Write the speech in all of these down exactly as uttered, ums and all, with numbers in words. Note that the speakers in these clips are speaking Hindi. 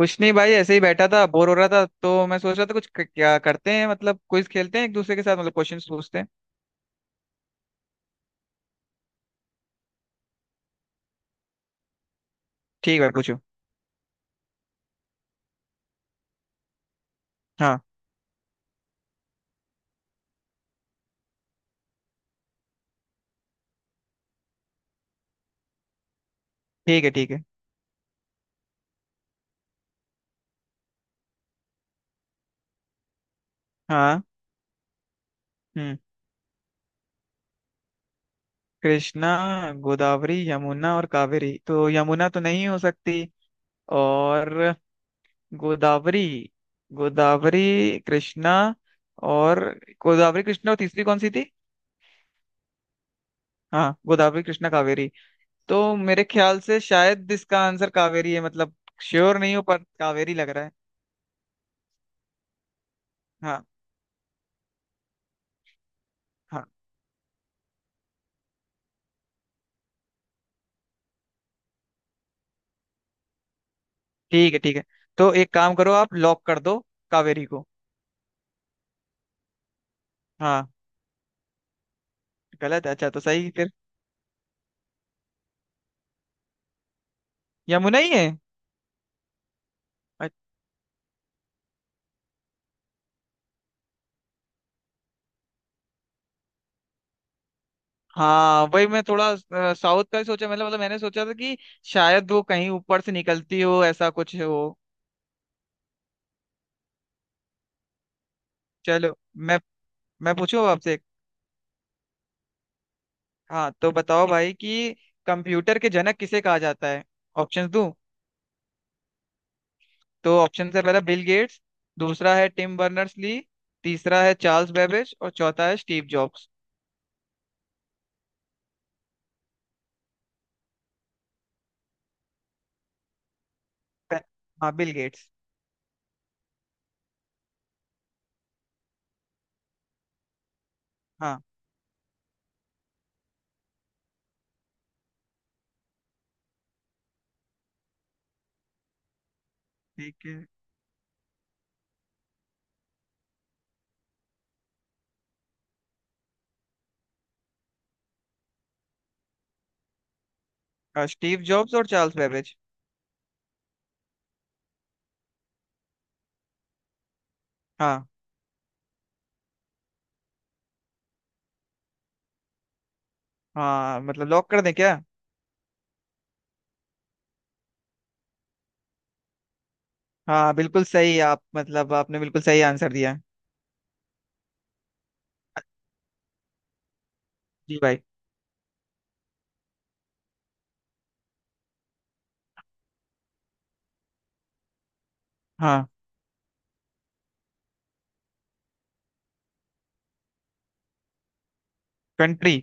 कुछ नहीं भाई, ऐसे ही बैठा था, बोर हो रहा था तो मैं सोच रहा था कुछ क- क्या करते हैं। मतलब क्विज खेलते हैं एक दूसरे के साथ, मतलब क्वेश्चंस पूछते हैं। ठीक है, पूछो। हाँ, ठीक है ठीक है। हाँ। हम्म। कृष्णा, गोदावरी, यमुना और कावेरी। तो यमुना तो नहीं हो सकती। और गोदावरी। गोदावरी, कृष्णा और। गोदावरी, कृष्णा और तीसरी कौन सी थी? हाँ, गोदावरी, कृष्णा, कावेरी। तो मेरे ख्याल से शायद इसका आंसर कावेरी है। मतलब श्योर नहीं हो पर कावेरी लग रहा है। हाँ। हाँ। ठीक है ठीक है। तो एक काम करो, आप लॉक कर दो कावेरी को। हाँ। गलत है? अच्छा, तो सही फिर? यमुना ही है। अच्छ- हाँ, वही मैं थोड़ा साउथ का ही सोचा। मतलब मतलब मैंने सोचा था कि शायद वो कहीं ऊपर से निकलती हो, ऐसा कुछ हो। चलो मैं मैं पूछूं आपसे एक? हाँ, तो बताओ भाई कि कंप्यूटर के जनक किसे कहा जाता है। ऑप्शन दूं? तो ऑप्शन से पहला बिल गेट्स, दूसरा है टिम बर्नर्स ली, तीसरा है चार्ल्स बेबेज और चौथा है स्टीव जॉब्स। हाँ, बिल गेट्स। हाँ। ठीक है। हाँ, स्टीव जॉब्स और चार्ल्स बेबेज। हाँ। हाँ मतलब लॉक कर दें क्या? हाँ बिल्कुल सही। आप मतलब आपने बिल्कुल सही आंसर दिया। जी भाई। हाँ। कंट्री?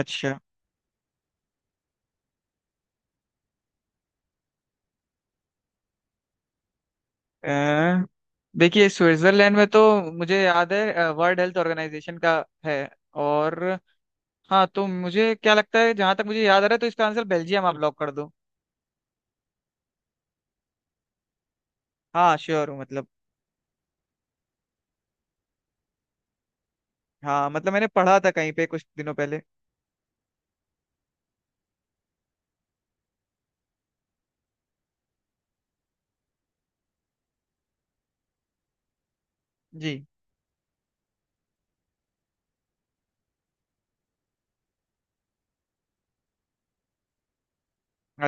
अच्छा। अ, देखिए, स्विट्जरलैंड में तो मुझे याद है वर्ल्ड हेल्थ ऑर्गेनाइजेशन का है। और हाँ तो मुझे क्या लगता है, जहां तक मुझे याद आ रहा है तो इसका आंसर बेल्जियम। आप लॉक कर दो। हाँ श्योर हूँ मतलब। हाँ मतलब मैंने पढ़ा था कहीं पे कुछ दिनों पहले। जी।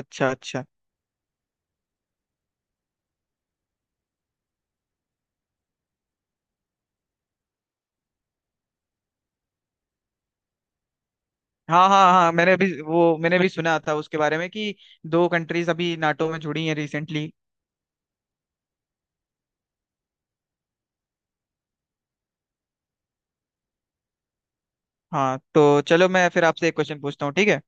अच्छा अच्छा। हाँ हाँ हाँ मैंने अभी वो मैंने भी सुना था उसके बारे में कि दो कंट्रीज अभी नाटो में जुड़ी हैं रिसेंटली। हाँ तो चलो मैं फिर आपसे एक क्वेश्चन पूछता हूँ, ठीक है?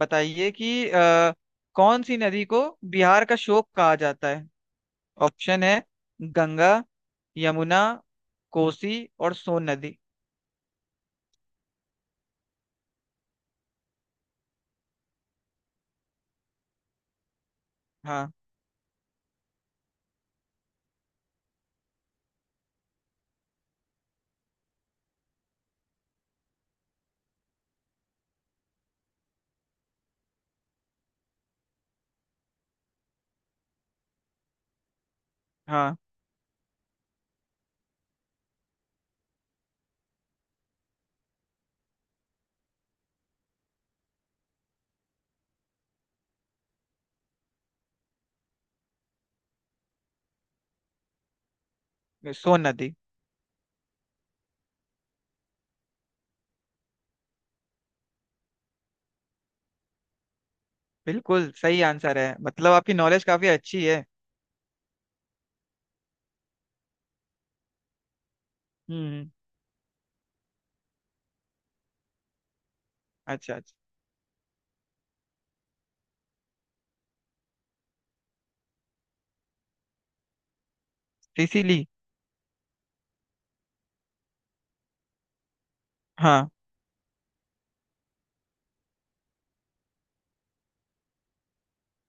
बताइए कि अ, कौन सी नदी को बिहार का शोक कहा जाता है। ऑप्शन है गंगा, यमुना, कोसी और सोन नदी। हाँ। हाँ, सोन नदी। बिल्कुल सही आंसर है। मतलब आपकी नॉलेज काफी अच्छी है। हम्म। अच्छा अच्छा। इसीलिए। हाँ।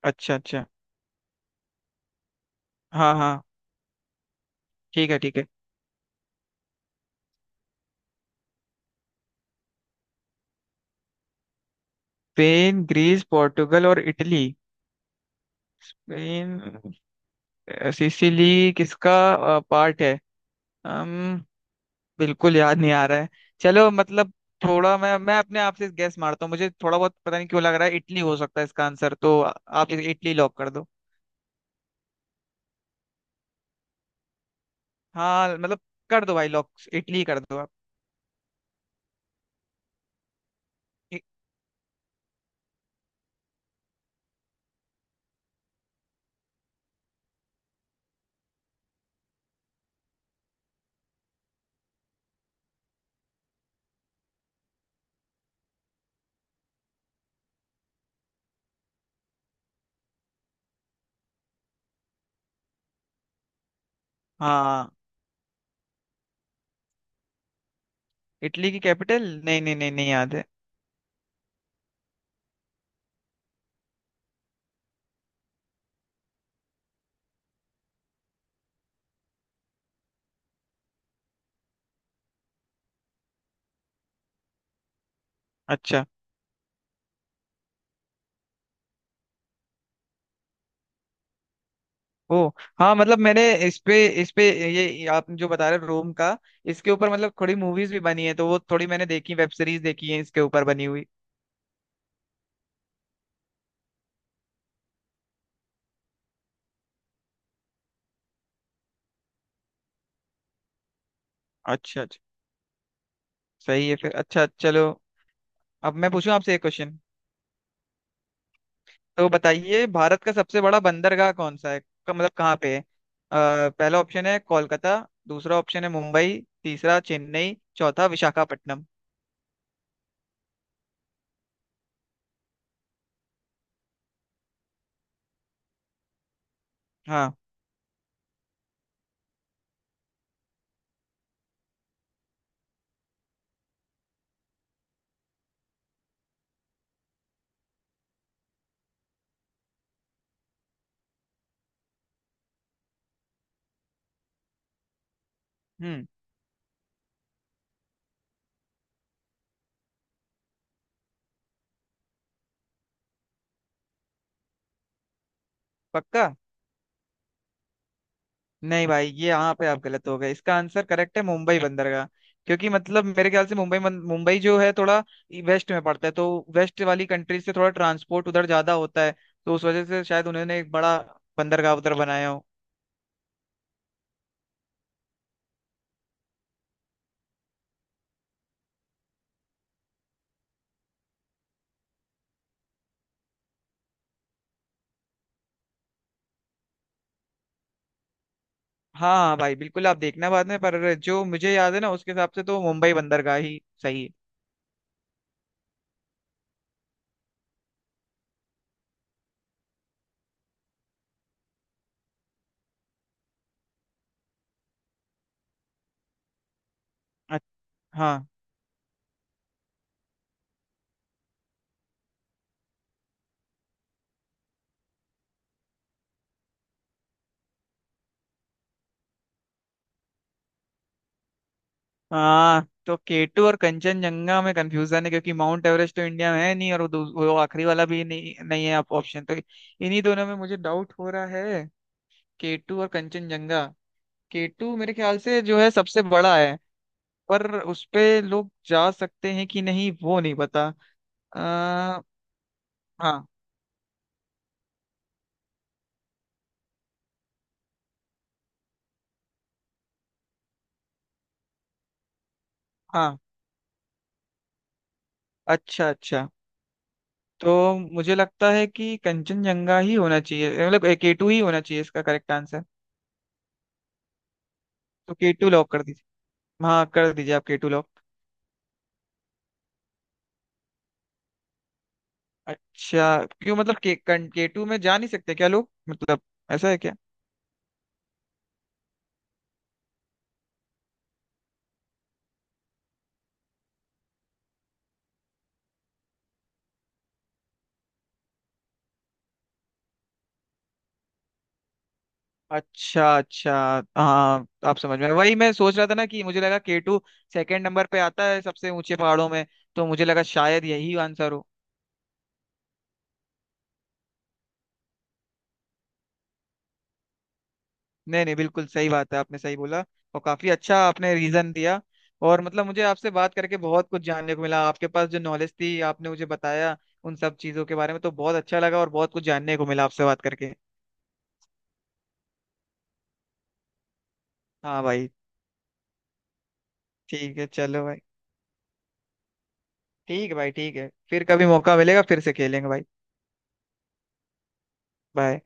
अच्छा अच्छा। हाँ हाँ। ठीक है ठीक है। स्पेन, ग्रीस, पोर्टुगल और इटली। स्पेन। सिसिली किसका पार्ट है? अम बिल्कुल याद नहीं आ रहा है। चलो मतलब थोड़ा मैं मैं अपने आप से गैस मारता हूँ। मुझे थोड़ा बहुत पता नहीं क्यों लग रहा है, इटली हो सकता है इसका आंसर। तो आप इस- इटली लॉक कर दो। हाँ मतलब कर दो भाई, लॉक इटली कर दो आप। इ- हाँ। इटली की कैपिटल? नहीं नहीं नहीं, नहीं याद है। अच्छा। ओ। हाँ मतलब मैंने इस पे इस पे ये आप जो बता रहे हो रोम का, इसके ऊपर मतलब थोड़ी मूवीज भी बनी है, तो वो थोड़ी मैंने देखी। वेब सीरीज देखी है इसके ऊपर बनी हुई। अच्छा अच्छा। सही है फिर। अच्छा चलो। अब मैं पूछूं आपसे एक क्वेश्चन। तो बताइए, भारत का सबसे बड़ा बंदरगाह कौन सा है? क- मतलब कहाँ पे है? अ, पहला ऑप्शन है कोलकाता, दूसरा ऑप्शन है मुंबई, तीसरा चेन्नई, चौथा विशाखापट्टनम। हाँ। हम्म। पक्का? नहीं भाई, ये यहाँ पे आप गलत हो गए। इसका आंसर करेक्ट है मुंबई बंदरगाह। क्योंकि मतलब मेरे ख्याल से मुंबई बं- मुंबई जो है थोड़ा वेस्ट में पड़ता है, तो वेस्ट वाली कंट्री से थोड़ा ट्रांसपोर्ट उधर ज्यादा होता है, तो उस वजह से शायद उन्होंने एक बड़ा बंदरगाह उधर बनाया हो। हाँ हाँ भाई बिल्कुल, आप देखना बाद में, पर जो मुझे याद है ना उसके हिसाब से तो मुंबई बंदरगाह ही सही है। अच्छा। हाँ। हाँ तो केटू और कंचनजंगा में कंफ्यूजन है, क्योंकि माउंट एवरेस्ट तो इंडिया में है नहीं, और वो दू- वो आखिरी वाला भी नहीं नहीं है। आप ऑप्शन तो इन्हीं दोनों में मुझे डाउट हो रहा है, केटू और कंचनजंगा। केटू मेरे ख्याल से जो है सबसे बड़ा है, पर उस पे लोग जा सकते हैं कि नहीं वो नहीं पता। आ, हाँ। हाँ। अच्छा अच्छा। तो मुझे लगता है कि कंचनजंगा ही होना चाहिए मतलब केटू ही होना चाहिए इसका करेक्ट आंसर। तो केटू लॉक कर दीजिए। हाँ कर दीजिए आप, केटू लॉक। अच्छा, क्यों? मतलब के, कं, केटू में जा नहीं सकते क्या लोग, मतलब ऐसा है क्या? अच्छा अच्छा। हाँ आप समझ में, वही मैं सोच रहा था ना कि मुझे लगा केटू सेकंड नंबर पे आता है सबसे ऊंचे पहाड़ों में, तो मुझे लगा शायद यही आंसर हो। नहीं नहीं, बिल्कुल सही बात है, आपने सही बोला, और काफी अच्छा आपने रीजन दिया। और मतलब मुझे आपसे बात करके बहुत कुछ जानने को मिला, आपके पास जो नॉलेज थी आपने मुझे बताया उन सब चीजों के बारे में, तो बहुत अच्छा लगा और बहुत कुछ जानने को मिला आपसे बात करके। हाँ भाई। ठीक है, चलो भाई। ठीक है भाई, ठीक है। फिर कभी मौका मिलेगा फिर से खेलेंगे भाई। बाय।